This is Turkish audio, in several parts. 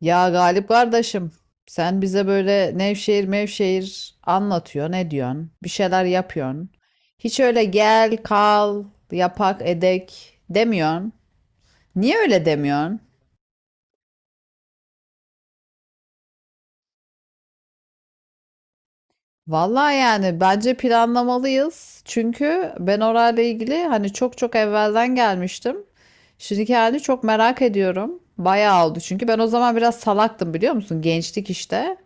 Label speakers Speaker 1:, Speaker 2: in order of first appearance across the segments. Speaker 1: Ya Galip kardeşim, sen bize böyle Nevşehir mevşehir anlatıyorsun, ne diyorsun? Bir şeyler yapıyorsun. Hiç öyle gel, kal, yapak, edek demiyorsun. Niye öyle demiyorsun? Vallahi yani bence planlamalıyız. Çünkü ben orayla ilgili hani çok çok evvelden gelmiştim. Şimdiki halini çok merak ediyorum. Bayağı oldu çünkü ben o zaman biraz salaktım biliyor musun? Gençlik işte.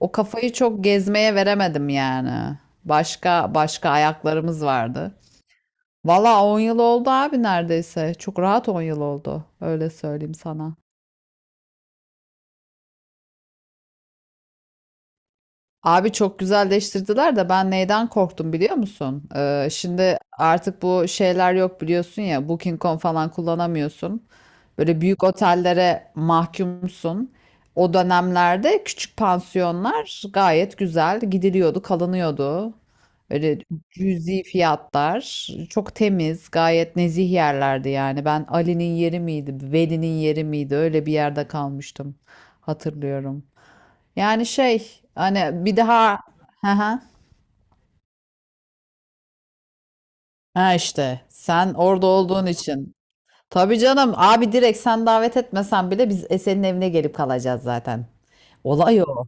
Speaker 1: O kafayı çok gezmeye veremedim yani. Başka başka ayaklarımız vardı. Vallahi 10 yıl oldu abi neredeyse. Çok rahat 10 yıl oldu. Öyle söyleyeyim sana. Abi çok güzelleştirdiler de ben neyden korktum biliyor musun? Şimdi artık bu şeyler yok biliyorsun ya, Booking.com falan kullanamıyorsun. Böyle büyük otellere mahkumsun. O dönemlerde küçük pansiyonlar gayet güzel gidiliyordu, kalınıyordu. Öyle cüzi fiyatlar, çok temiz, gayet nezih yerlerdi yani. Ben Ali'nin yeri miydi, Veli'nin yeri miydi? Öyle bir yerde kalmıştım. Hatırlıyorum. Yani şey hani bir daha. Hı hı. Ha işte sen orada olduğun için. Tabii canım abi, direkt sen davet etmesen bile biz Esen'in evine gelip kalacağız zaten. Olay o.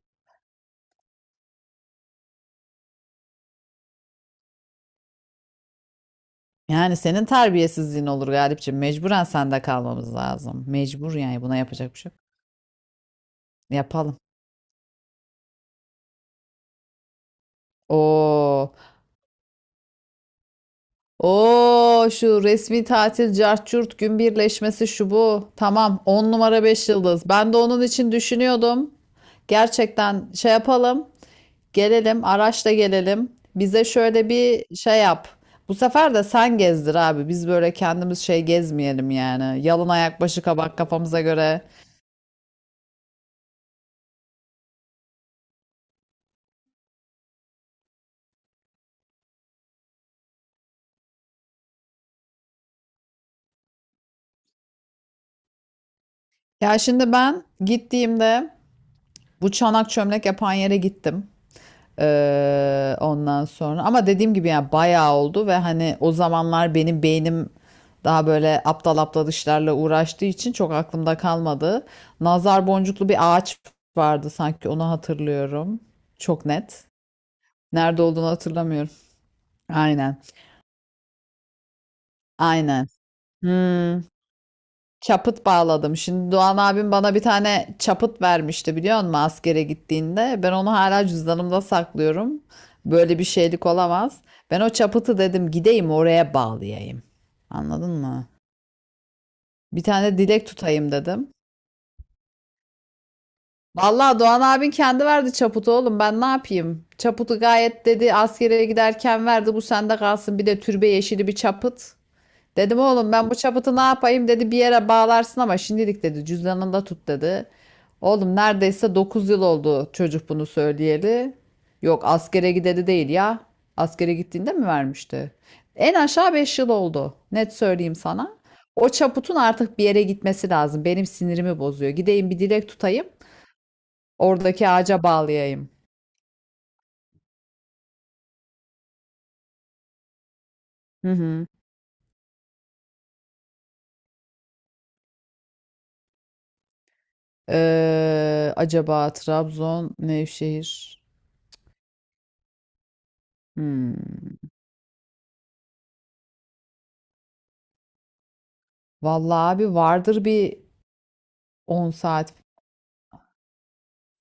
Speaker 1: Yani senin terbiyesizliğin olur Galipciğim. Mecburen sende kalmamız lazım. Mecbur yani, buna yapacak bir şey yok. Yapalım. Oo, o şu resmi tatil cart curt gün birleşmesi şu bu. Tamam, 10 numara 5 yıldız. Ben de onun için düşünüyordum. Gerçekten şey yapalım. Gelelim, araçla gelelim. Bize şöyle bir şey yap. Bu sefer de sen gezdir abi. Biz böyle kendimiz şey gezmeyelim yani. Yalın ayak başı kabak kafamıza göre. Ya şimdi ben gittiğimde bu çanak çömlek yapan yere gittim. Ondan sonra ama dediğim gibi yani bayağı oldu ve hani o zamanlar benim beynim daha böyle aptal aptal işlerle uğraştığı için çok aklımda kalmadı. Nazar boncuklu bir ağaç vardı, sanki onu hatırlıyorum. Çok net. Nerede olduğunu hatırlamıyorum. Aynen. Aynen. Hmm. Çaput bağladım. Şimdi Doğan abim bana bir tane çaput vermişti biliyor musun, askere gittiğinde. Ben onu hala cüzdanımda saklıyorum. Böyle bir şeylik olamaz. Ben o çapıtı dedim gideyim oraya bağlayayım. Anladın mı? Bir tane dilek tutayım dedim. Vallahi Doğan abin kendi verdi çaputu oğlum, ben ne yapayım? Çaputu gayet dedi askere giderken verdi, bu sende kalsın, bir de türbe yeşili bir çaput. Dedim oğlum ben bu çapıtı ne yapayım, dedi bir yere bağlarsın ama şimdilik dedi cüzdanında tut dedi. Oğlum neredeyse 9 yıl oldu çocuk bunu söyleyeli. Yok askere gideli değil ya. Askere gittiğinde mi vermişti? En aşağı 5 yıl oldu. Net söyleyeyim sana. O çaputun artık bir yere gitmesi lazım. Benim sinirimi bozuyor. Gideyim bir dilek tutayım. Oradaki ağaca bağlayayım. Hı hı. Acaba Trabzon, Nevşehir. Hmm. Vallahi abi vardır bir. 10 saat,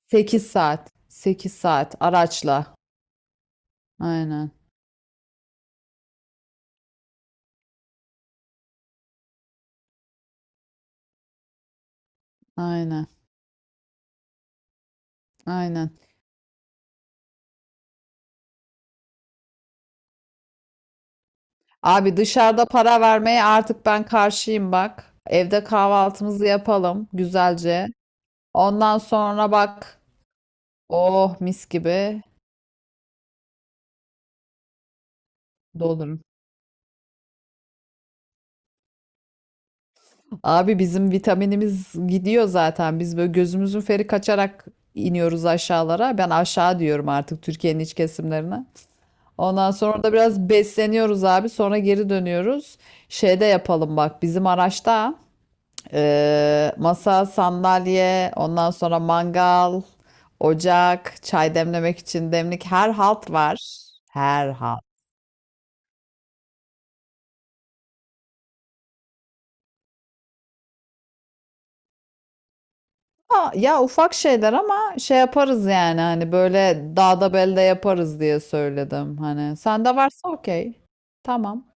Speaker 1: 8 saat, 8 saat araçla. Aynen, aynen, aynen. Abi dışarıda para vermeye artık ben karşıyım bak. Evde kahvaltımızı yapalım güzelce. Ondan sonra bak, oh mis gibi dolurum. Abi bizim vitaminimiz gidiyor zaten. Biz böyle gözümüzün feri kaçarak iniyoruz aşağılara. Ben aşağı diyorum artık Türkiye'nin iç kesimlerine. Ondan sonra da biraz besleniyoruz abi. Sonra geri dönüyoruz. Şeyde yapalım bak, bizim araçta masa, sandalye, ondan sonra mangal, ocak, çay demlemek için demlik, her halt var. Her halt. Ha, ya ufak şeyler ama şey yaparız yani, hani böyle dağda belde yaparız diye söyledim hani. Sende varsa okey. Tamam.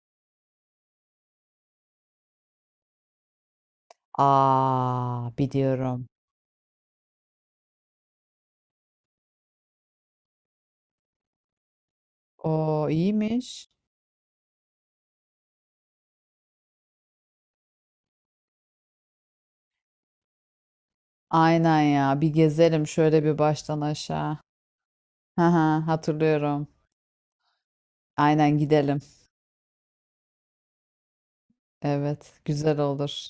Speaker 1: Aa, biliyorum. O iyiymiş. Aynen ya, bir gezelim şöyle bir baştan aşağı. Haha, hatırlıyorum. Aynen gidelim. Evet güzel olur.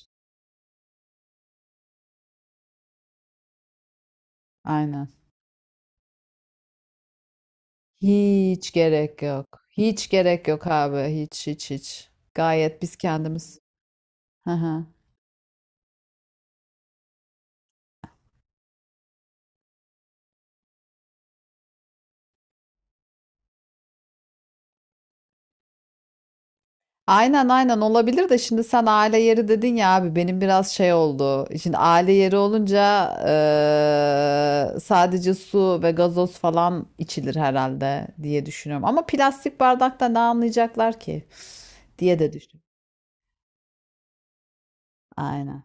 Speaker 1: Aynen. Hiç gerek yok. Hiç gerek yok abi. Hiç hiç hiç. Gayet biz kendimiz. Haha. Aynen aynen olabilir de, şimdi sen aile yeri dedin ya abi, benim biraz şey oldu. Şimdi aile yeri olunca sadece su ve gazoz falan içilir herhalde diye düşünüyorum. Ama plastik bardakta ne anlayacaklar ki diye de düşünüyorum. Aynen.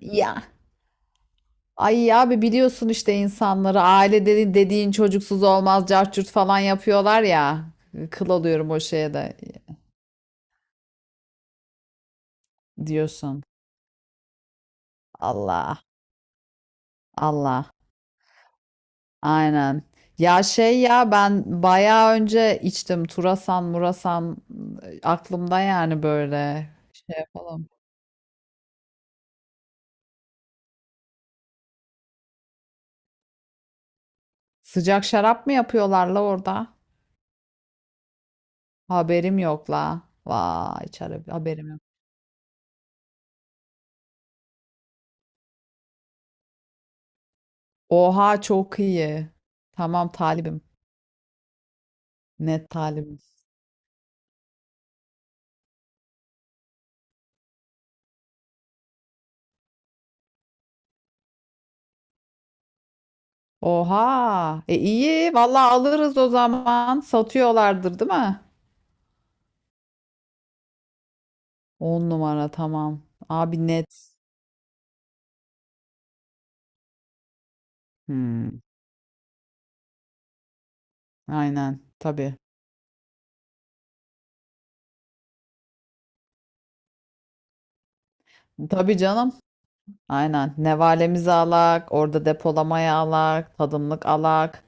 Speaker 1: Ya. Ay abi biliyorsun işte, insanları aile dedi, dediğin çocuksuz olmaz cart falan yapıyorlar ya. Kıl oluyorum o şeye de diyorsun. Allah Allah. Aynen. Ya şey ya, ben bayağı önce içtim. Turasan, murasan aklımda yani, böyle şey yapalım. Sıcak şarap mı yapıyorlar la orada? Haberim yok la. Vay çare, haberim yok. Oha çok iyi. Tamam talibim. Net talibim. Oha. E iyi. Vallahi alırız o zaman. Satıyorlardır değil mi? On numara tamam. Abi net. Hmm, aynen. Tabii. Tabii canım. Aynen. Nevalemiz alak, orada depolamaya alak, tadımlık alak.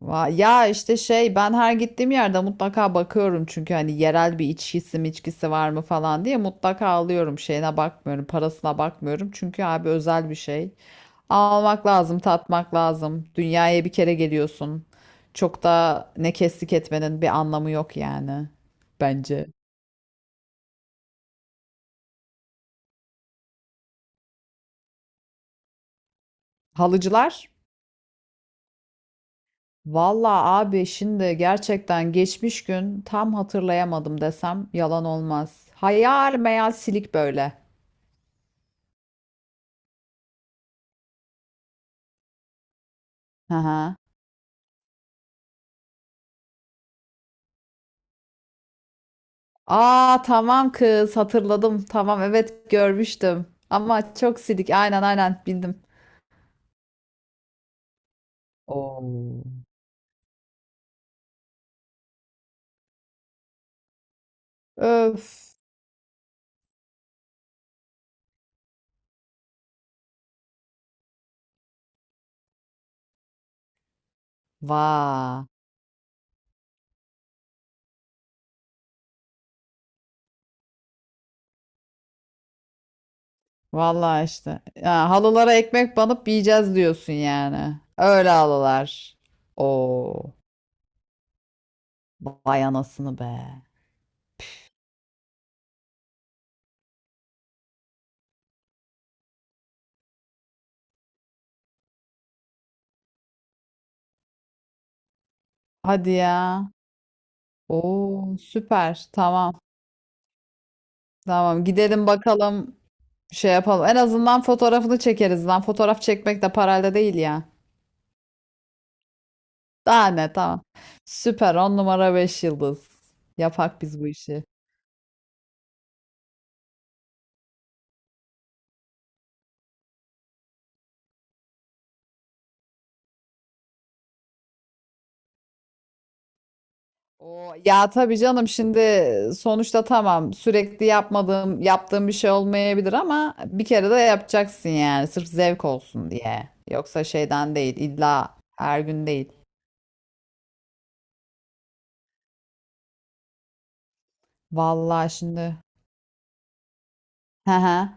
Speaker 1: Ya işte şey, ben her gittiğim yerde mutlaka bakıyorum çünkü hani yerel bir içkisi mi, içkisi var mı falan diye mutlaka alıyorum. Şeyine bakmıyorum, parasına bakmıyorum çünkü abi özel bir şey. Almak lazım, tatmak lazım. Dünyaya bir kere geliyorsun. Çok da ne kestik etmenin bir anlamı yok yani, bence. Halıcılar? Valla abi şimdi gerçekten geçmiş gün, tam hatırlayamadım desem yalan olmaz. Hayal meyal silik böyle. Hı hı. Aa tamam kız, hatırladım. Tamam evet görmüştüm. Ama çok silik, aynen aynen bildim. Oo. Öf. Va. Valla işte. Ya, halılara ekmek banıp yiyeceğiz diyorsun yani. Öyle halılar. Oo. Vay anasını be. Hadi ya. Oo süper. Tamam. Tamam. Gidelim bakalım. Şey yapalım. En azından fotoğrafını çekeriz lan. Fotoğraf çekmek de parayla değil ya. Daha ne, tamam. Süper. On numara 5 yıldız. Yapak biz bu işi. Oo, ya tabii canım, şimdi sonuçta tamam, sürekli yapmadığım yaptığım bir şey olmayabilir ama bir kere de yapacaksın yani, sırf zevk olsun diye. Yoksa şeyden değil, illa her gün değil. Vallahi şimdi. Hı hı.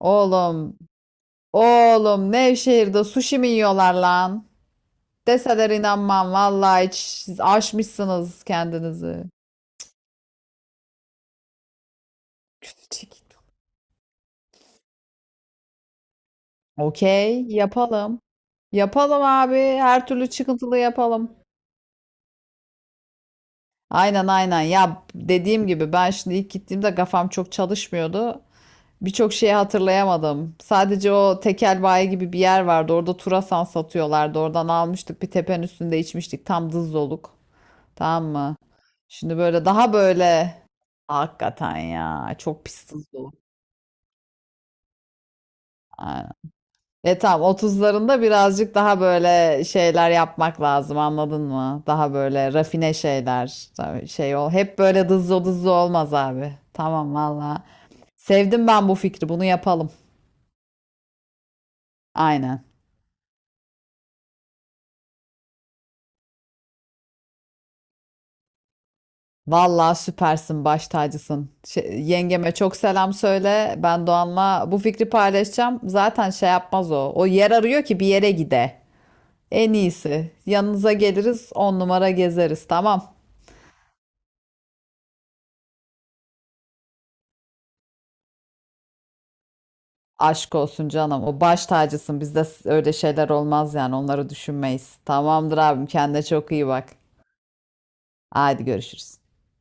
Speaker 1: Oğlum Oğlum Nevşehir'de sushi mi yiyorlar lan? Deseler inanmam vallahi, hiç siz aşmışsınız kendinizi. Küçücük. Okey yapalım. Yapalım abi, her türlü çıkıntılı yapalım. Aynen aynen ya, dediğim gibi ben şimdi ilk gittiğimde kafam çok çalışmıyordu. Birçok şeyi hatırlayamadım. Sadece o tekel bayi gibi bir yer vardı. Orada Turasan satıyorlardı. Oradan almıştık. Bir tepenin üstünde içmiştik. Tam dızdoluk. Tamam mı? Şimdi böyle daha böyle. Hakikaten ya. Çok pis tuzlu. Aynen. E tamam, 30'larında birazcık daha böyle şeyler yapmak lazım anladın mı? Daha böyle rafine şeyler. Tabii şey ol. Hep böyle dızlı dızlı olmaz abi. Tamam valla. Sevdim ben bu fikri. Bunu yapalım. Aynen. Valla süpersin, baş tacısın. Şey, yengeme çok selam söyle. Ben Doğan'la bu fikri paylaşacağım. Zaten şey yapmaz o. O yer arıyor ki bir yere gide. En iyisi. Yanınıza geliriz, on numara gezeriz. Tamam. Aşk olsun canım. O baş tacısın. Bizde öyle şeyler olmaz yani. Onları düşünmeyiz. Tamamdır abim. Kendine çok iyi bak. Haydi görüşürüz.